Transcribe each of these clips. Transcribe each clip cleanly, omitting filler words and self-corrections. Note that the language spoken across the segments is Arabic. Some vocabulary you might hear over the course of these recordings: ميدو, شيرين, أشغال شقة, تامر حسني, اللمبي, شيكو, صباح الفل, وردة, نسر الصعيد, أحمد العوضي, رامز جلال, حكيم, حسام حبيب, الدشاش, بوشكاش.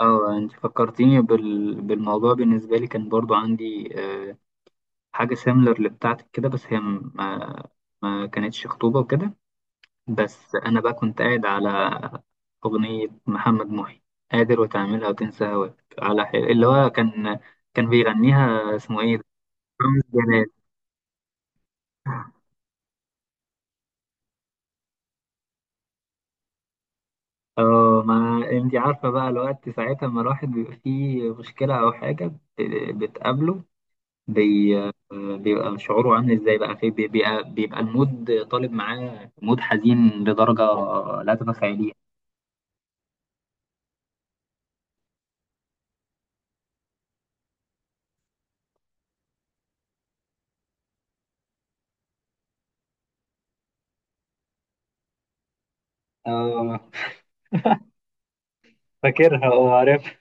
اه انت فكرتيني بالموضوع. بالنسبة لي كان برضو عندي حاجة سيميلر لبتاعتك كده، بس هي ما كانتش خطوبة وكده. بس أنا بقى كنت قاعد على أغنية محمد محي، قادر وتعملها وتنسى هواك، على اللي هو كان بيغنيها اسمه ايه ده؟ رامز جلال. اه، ما انت عارفة بقى الوقت ساعتها، ما الواحد بيبقى فيه مشكلة أو حاجة بتقابله، بي... بيبقى شعوره عامل ازاي بقى، في بيبقى المود طالب معاه مود حزين لدرجة لا تتخيليها. آه فاكرها وعارف.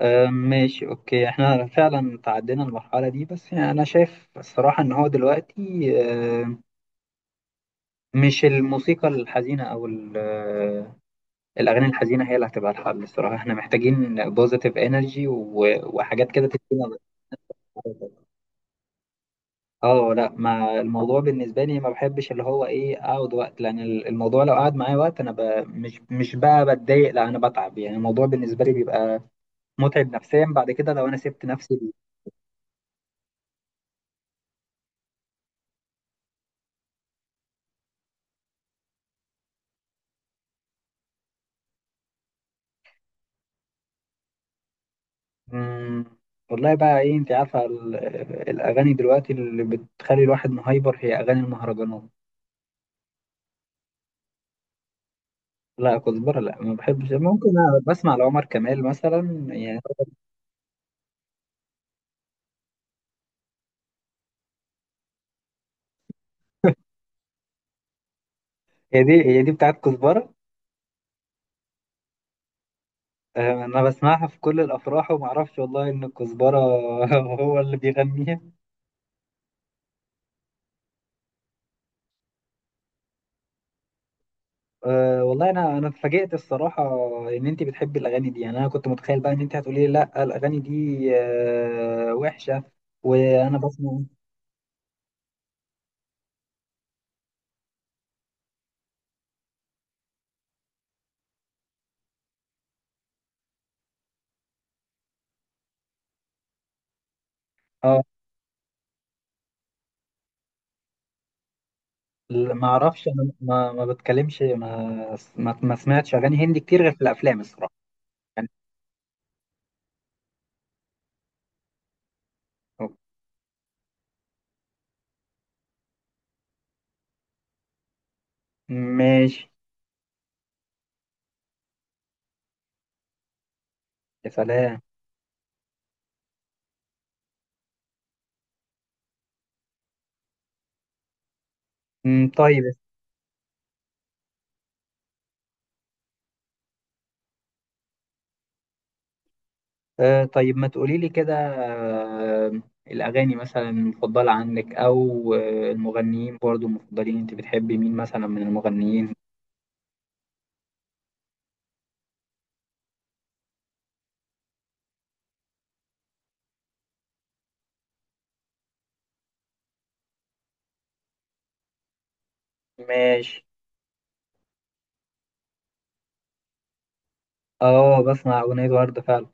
آه ماشي، اوكي، احنا فعلا تعدينا المرحلة دي، بس يعني انا شايف الصراحة ان هو دلوقتي آه، مش الموسيقى الحزينة او الاغاني الحزينة هي اللي هتبقى الحل. الصراحة احنا محتاجين بوزيتيف انرجي وحاجات كده تدينا. اه لا، ما الموضوع بالنسبه لي ما بحبش اللي هو ايه، اقعد وقت، لان الموضوع لو قعد معايا وقت انا مش بقى بتضايق، لا انا بتعب. يعني الموضوع بالنسبه لي بيبقى متعب نفسيا بعد كده لو انا سبت نفسي ليه. مم، والله بقى ايه، انت عارفه الاغاني دلوقتي اللي بتخلي الواحد مهايبر هي اغاني المهرجانات. لا كزبره، لا ما بحبش. ممكن أنا بسمع لعمر كمال مثلا يعني. هي دي، هي دي بتاعت كزبره. آه، انا بسمعها في كل الافراح وما اعرفش والله ان الكزبره هو اللي بيغنيها. أه والله انا اتفاجئت الصراحه ان انت بتحبي الاغاني دي. يعني انا كنت متخيل بقى ان انت هتقولي لي لا الاغاني دي أه وحشه. وانا بسمع اه ما اعرفش، انا ما بتكلمش، ما سمعتش اغاني هندي كتير غير في الافلام الصراحه يعني. أوكي. ماشي. يا سلام. مم، طيب. أه طيب، ما تقولي لي كده. أه الاغاني مثلا المفضله عندك، او آه، المغنيين برضو المفضلين، انت بتحبي مين مثلا من المغنيين؟ ماشي. اه، بسمع أغنية وردة فعلا.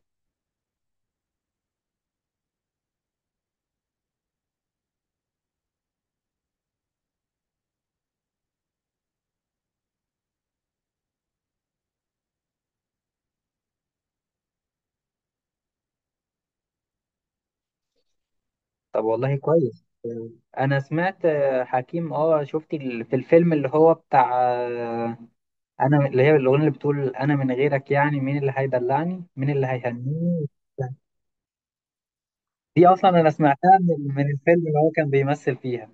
طب والله كويس. أنا سمعت آه، حكيم. اه شفت في الفيلم اللي هو بتاع آه، أنا اللي هي الأغنية اللي بتقول أنا من غيرك يعني، مين اللي هيدلعني، مين اللي هيهنيني. دي أصلا أنا سمعتها من الفيلم اللي هو كان بيمثل فيها.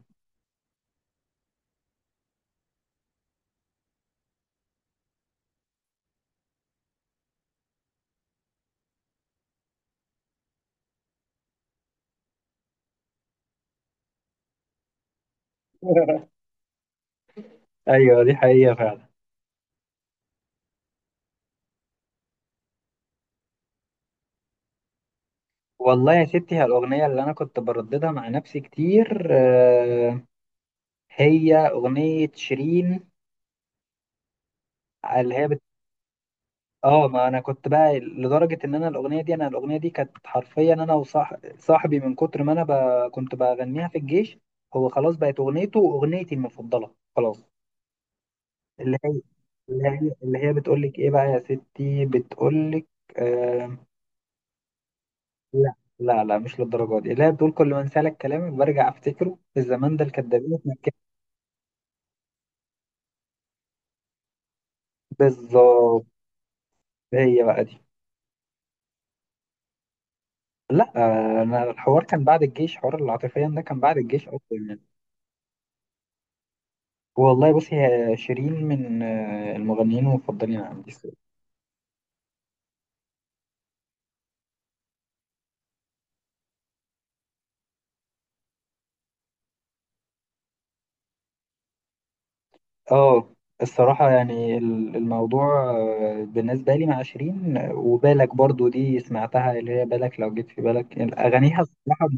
أيوه دي حقيقة فعلا. والله يا ستي، هي الأغنية اللي أنا كنت برددها مع نفسي كتير آه، هي أغنية شيرين، اللي هي اه، ما انا كنت بقى لدرجه ان انا الاغنيه دي كانت حرفيا، انا وصاحبي من كتر ما انا كنت بغنيها في الجيش. هو خلاص بقت اغنيته واغنيتي المفضله خلاص. اللي هي اللي هي اللي هي بتقول لك ايه بقى يا ستي، بتقول لك آه... لا لا لا، مش للدرجه دي. اللي هي بتقول كل ما انسى لك كلامك برجع افتكره، الزمان ده الكدابين اتنكدوا. بالظبط. هي بقى دي. لا آه، انا الحوار كان بعد الجيش، حوار العاطفيا ده كان بعد الجيش اصلا يعني. والله بصي، هي شيرين من آه، المغنيين المفضلين عندي الصراحة. اه، الصراحة يعني الموضوع آه، بالنسبة لي مع شيرين آه، وبالك برضو دي سمعتها، اللي هي بالك لو جيت في بالك، يعني أغانيها الصراحة.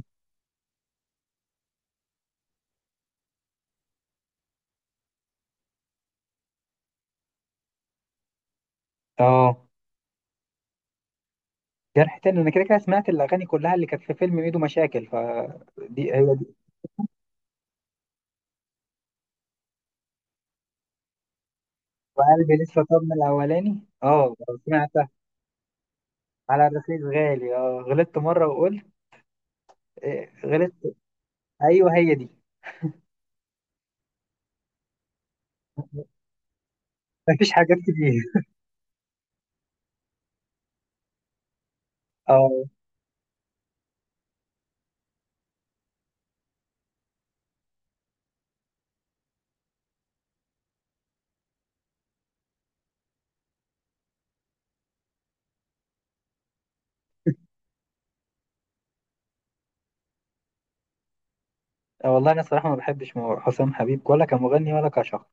اه، جرح تاني أنا كده كده سمعت الأغاني كلها اللي كانت في فيلم ميدو مشاكل، فدي هي دي. وقلبي لسه طب من الأولاني، اه سمعتها. على الرخيص غالي، اه غلطت مرة وقلت آه، غلطت. أيوه هي دي. مفيش حاجات كتير. اه. آه، والله انا صراحه ما بحبش حسام حبيب، ولا كمغني ولا كشخص.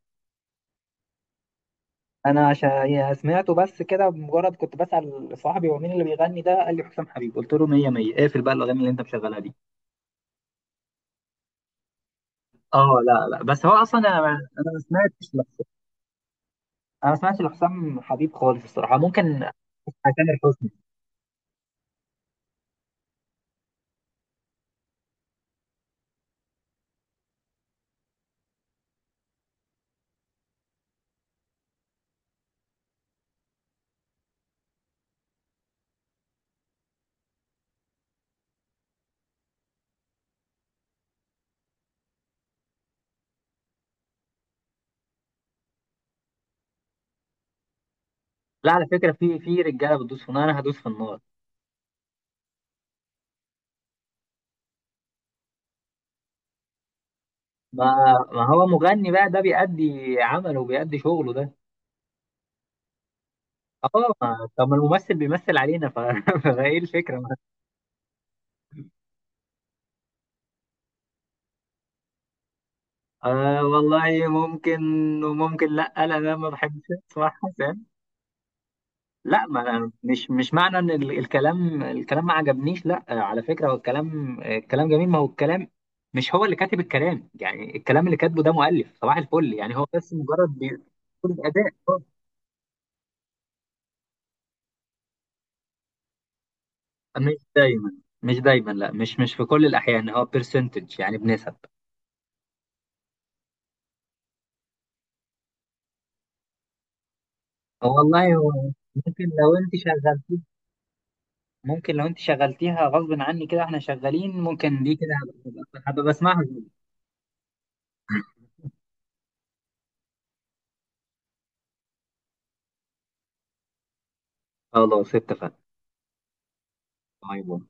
انا عشان يعني سمعته بس كده بمجرد، كنت بسال صاحبي هو مين اللي بيغني ده، قال لي حسام حبيب، قلت له 100 100 اقفل بقى الاغاني اللي انت مشغلها دي. اه لا لا، بس هو اصلا انا ما سمعتش انا ما سمعتش لحسام حبيب خالص الصراحه، ممكن اسمع. تامر حسني. لا على فكره، في رجاله بتدوس في النار، انا هدوس في النار. ما ما هو مغني بقى ده، بيأدي عمله وبيأدي شغله ده. اه طب، ما الممثل بيمثل علينا فايه الفكره. آه والله ممكن. وممكن لا لا، انا ما بحبش اسمعها فاهم. لا، ما أنا مش معنى ان الكلام ما عجبنيش، لا آه، على فكره هو الكلام آه، الكلام جميل. ما هو الكلام مش هو اللي كاتب الكلام يعني، الكلام اللي كاتبه ده مؤلف صباح الفل يعني، هو بس مجرد بيقول. الاداء آه، مش دايما مش دايما، لا مش في كل الاحيان، هو بيرسنتج يعني بنسب. آه، والله هو ممكن لو انت شغال، ممكن لو انت شغلتيها غصب عني كده واحنا شغالين، ممكن دي كده هبقى بسمعها زوجي. خلاص اتفقنا. باي باي.